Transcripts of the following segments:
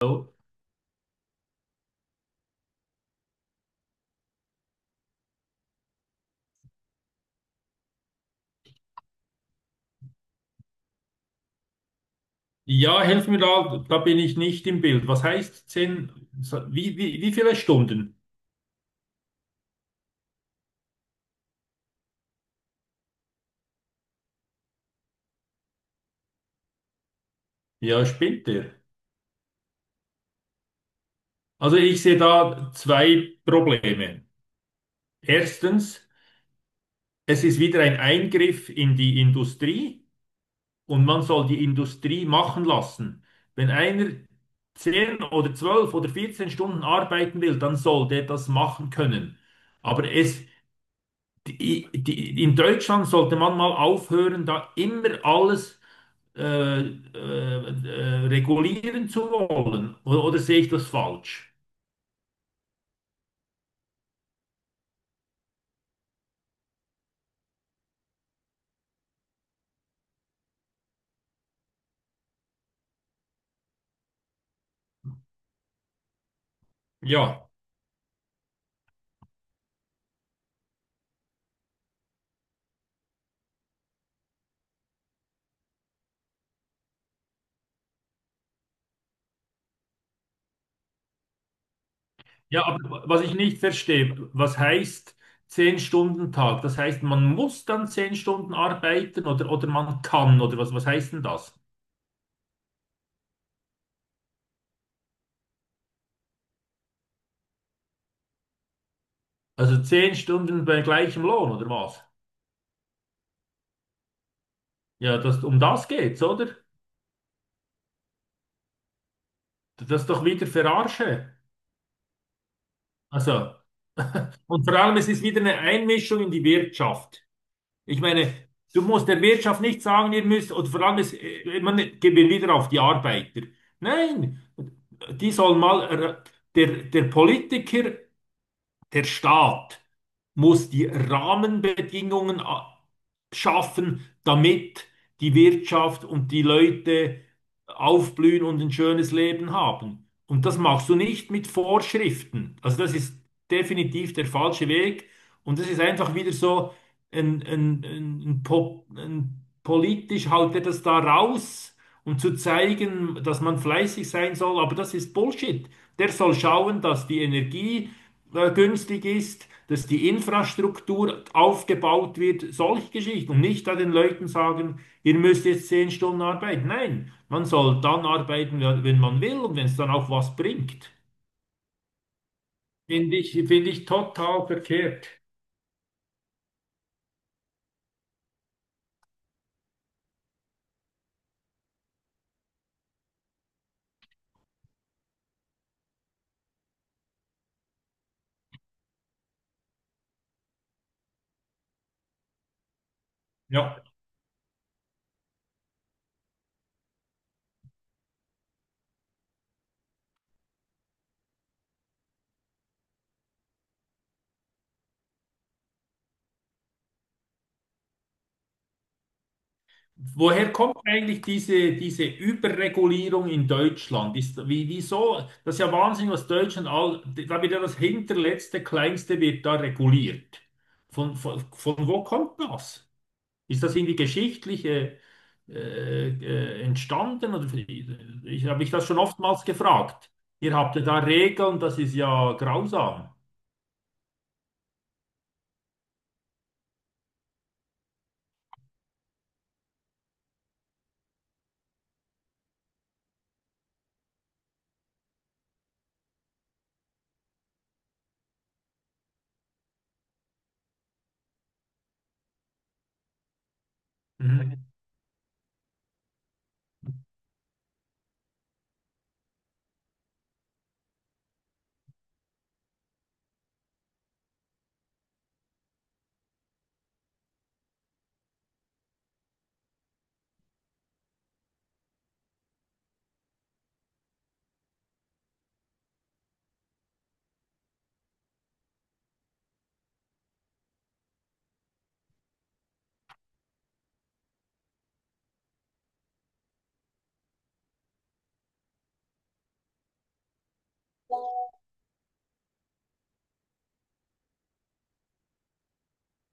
Oh, ja, helf mir da bin ich nicht im Bild. Was heißt 10? So, wie viele Stunden? Ja, spinnt der. Also ich sehe da zwei Probleme. Erstens, es ist wieder ein Eingriff in die Industrie und man soll die Industrie machen lassen. Wenn einer 10 oder 12 oder 14 Stunden arbeiten will, dann soll der das machen können. Aber es in Deutschland sollte man mal aufhören, da immer alles regulieren zu wollen. Oder sehe ich das falsch? Ja, ja, aber was ich nicht verstehe, was heißt 10-Stunden-Tag. Das heißt, man muss dann 10 Stunden arbeiten oder man kann oder was heißt denn das? Also 10 Stunden bei gleichem Lohn oder was? Ja, das, um das geht's, oder? Das ist doch wieder Verarsche. Also. Und vor allem, es ist wieder eine Einmischung in die Wirtschaft. Ich meine, du musst der Wirtschaft nicht sagen, ihr müsst, und vor allem, es, man gehen wir wieder auf die Arbeiter. Nein, die sollen mal, der Politiker der Staat muss die Rahmenbedingungen schaffen, damit die Wirtschaft und die Leute aufblühen und ein schönes Leben haben. Und das machst du nicht mit Vorschriften. Also das ist definitiv der falsche Weg. Und das ist einfach wieder so ein politisch haut er das da raus um zu zeigen, dass man fleißig sein soll. Aber das ist Bullshit. Der soll schauen, dass die Energie günstig ist, dass die Infrastruktur aufgebaut wird, solche Geschichten. Und nicht da den Leuten sagen, ihr müsst jetzt 10 Stunden arbeiten. Nein, man soll dann arbeiten, wenn man will und wenn es dann auch was bringt. Finde ich total verkehrt. Ja. Woher kommt eigentlich diese Überregulierung in Deutschland? Wieso? Das ist ja Wahnsinn, was Deutschland all, da wird ja das hinterletzte, kleinste wird da reguliert. Von wo kommt das? Ist das irgendwie geschichtliche entstanden? Oder, ich habe mich das schon oftmals gefragt. Ihr habt ja da Regeln, das ist ja grausam.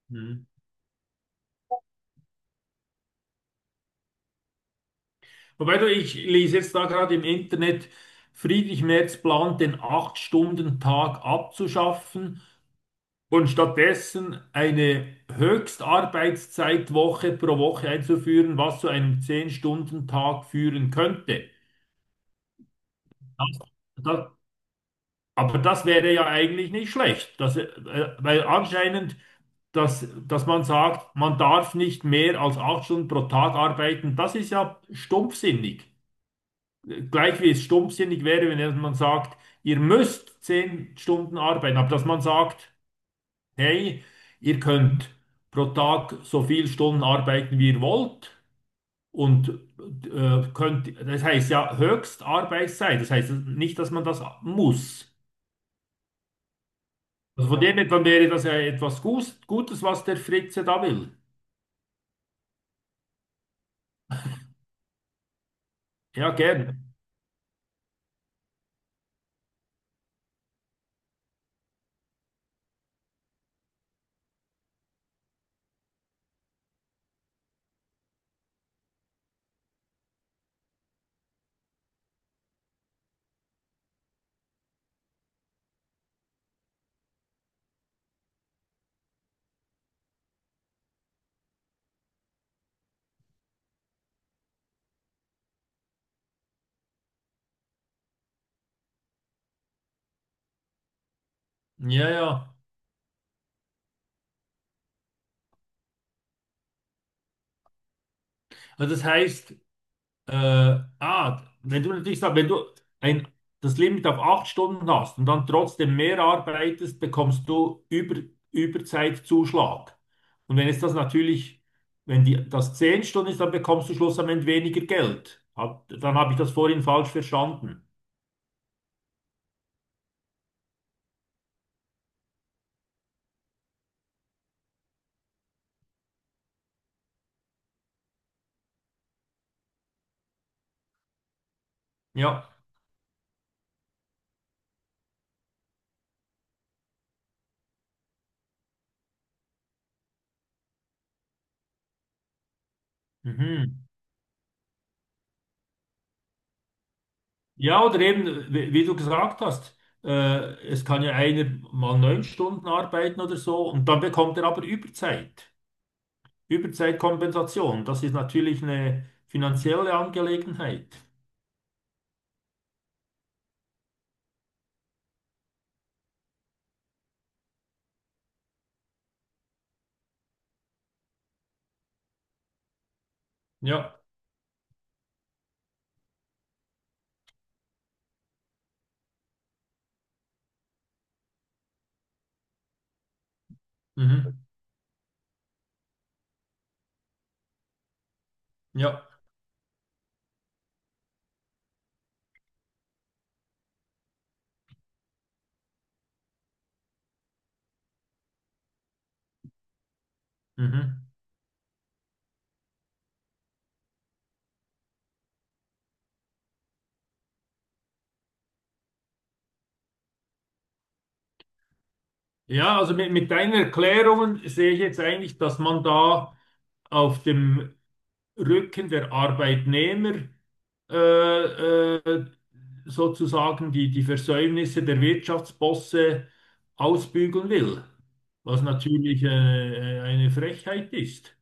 Mhm. Wobei du, ich lese jetzt da gerade im Internet, Friedrich Merz plant, den 8-Stunden-Tag abzuschaffen und stattdessen eine Höchstarbeitszeitwoche pro Woche einzuführen, was zu einem 10-Stunden-Tag führen könnte. Das, das, aber das wäre ja eigentlich nicht schlecht, dass, weil anscheinend, dass man sagt, man darf nicht mehr als 8 Stunden pro Tag arbeiten, das ist ja stumpfsinnig. Gleich wie es stumpfsinnig wäre, wenn man sagt, ihr müsst 10 Stunden arbeiten, aber dass man sagt, hey, ihr könnt pro Tag so viele Stunden arbeiten, wie ihr wollt und könnt, das heißt ja Höchstarbeitszeit, das heißt nicht, dass man das muss. Also von, ja, dem her, dann wäre das ja etwas Gutes, was der Fritze da will. Ja, gern. Ja, ja. Also das heißt, wenn du natürlich sagst, wenn du ein, das Limit auf 8 Stunden hast und dann trotzdem mehr arbeitest, bekommst du Überzeitzuschlag. Und wenn es das natürlich, wenn das 10 Stunden ist, dann bekommst du schlussendlich weniger Geld. Dann habe ich das vorhin falsch verstanden. Ja. Mhm. Ja, oder eben, wie du gesagt hast, es kann ja einer mal 9 Stunden arbeiten oder so und dann bekommt er aber Überzeit. Überzeitkompensation, das ist natürlich eine finanzielle Angelegenheit. Ja, mhm. Ja, mhm. Ja, also mit deinen Erklärungen sehe ich jetzt eigentlich, dass man da auf dem Rücken der Arbeitnehmer äh, äh, sozusagen die Versäumnisse der Wirtschaftsbosse ausbügeln will, was natürlich eine Frechheit ist.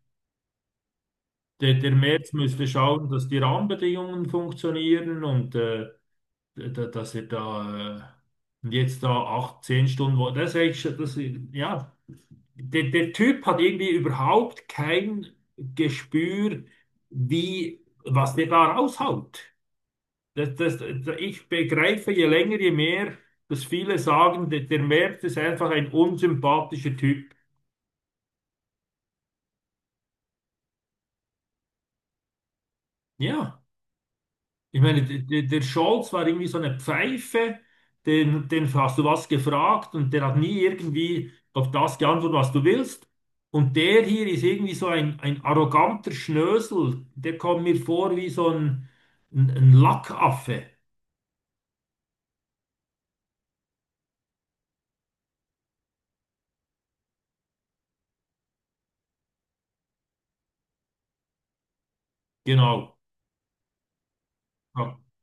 Der Merz müsste schauen, dass die Rahmenbedingungen funktionieren und dass er da äh, und jetzt da acht, zehn Stunden, wo, das ist eigentlich, das, ja, der Typ hat irgendwie überhaupt kein Gespür, was der da raushaut. Das, das, ich begreife je länger, je mehr, dass viele sagen, der Merz ist einfach ein unsympathischer Typ. Ja. Ich meine, der Scholz war irgendwie so eine Pfeife, den hast du was gefragt und der hat nie irgendwie auf das geantwortet, was du willst. Und der hier ist irgendwie so ein arroganter Schnösel, der kommt mir vor wie so ein Lackaffe. Genau. Ja.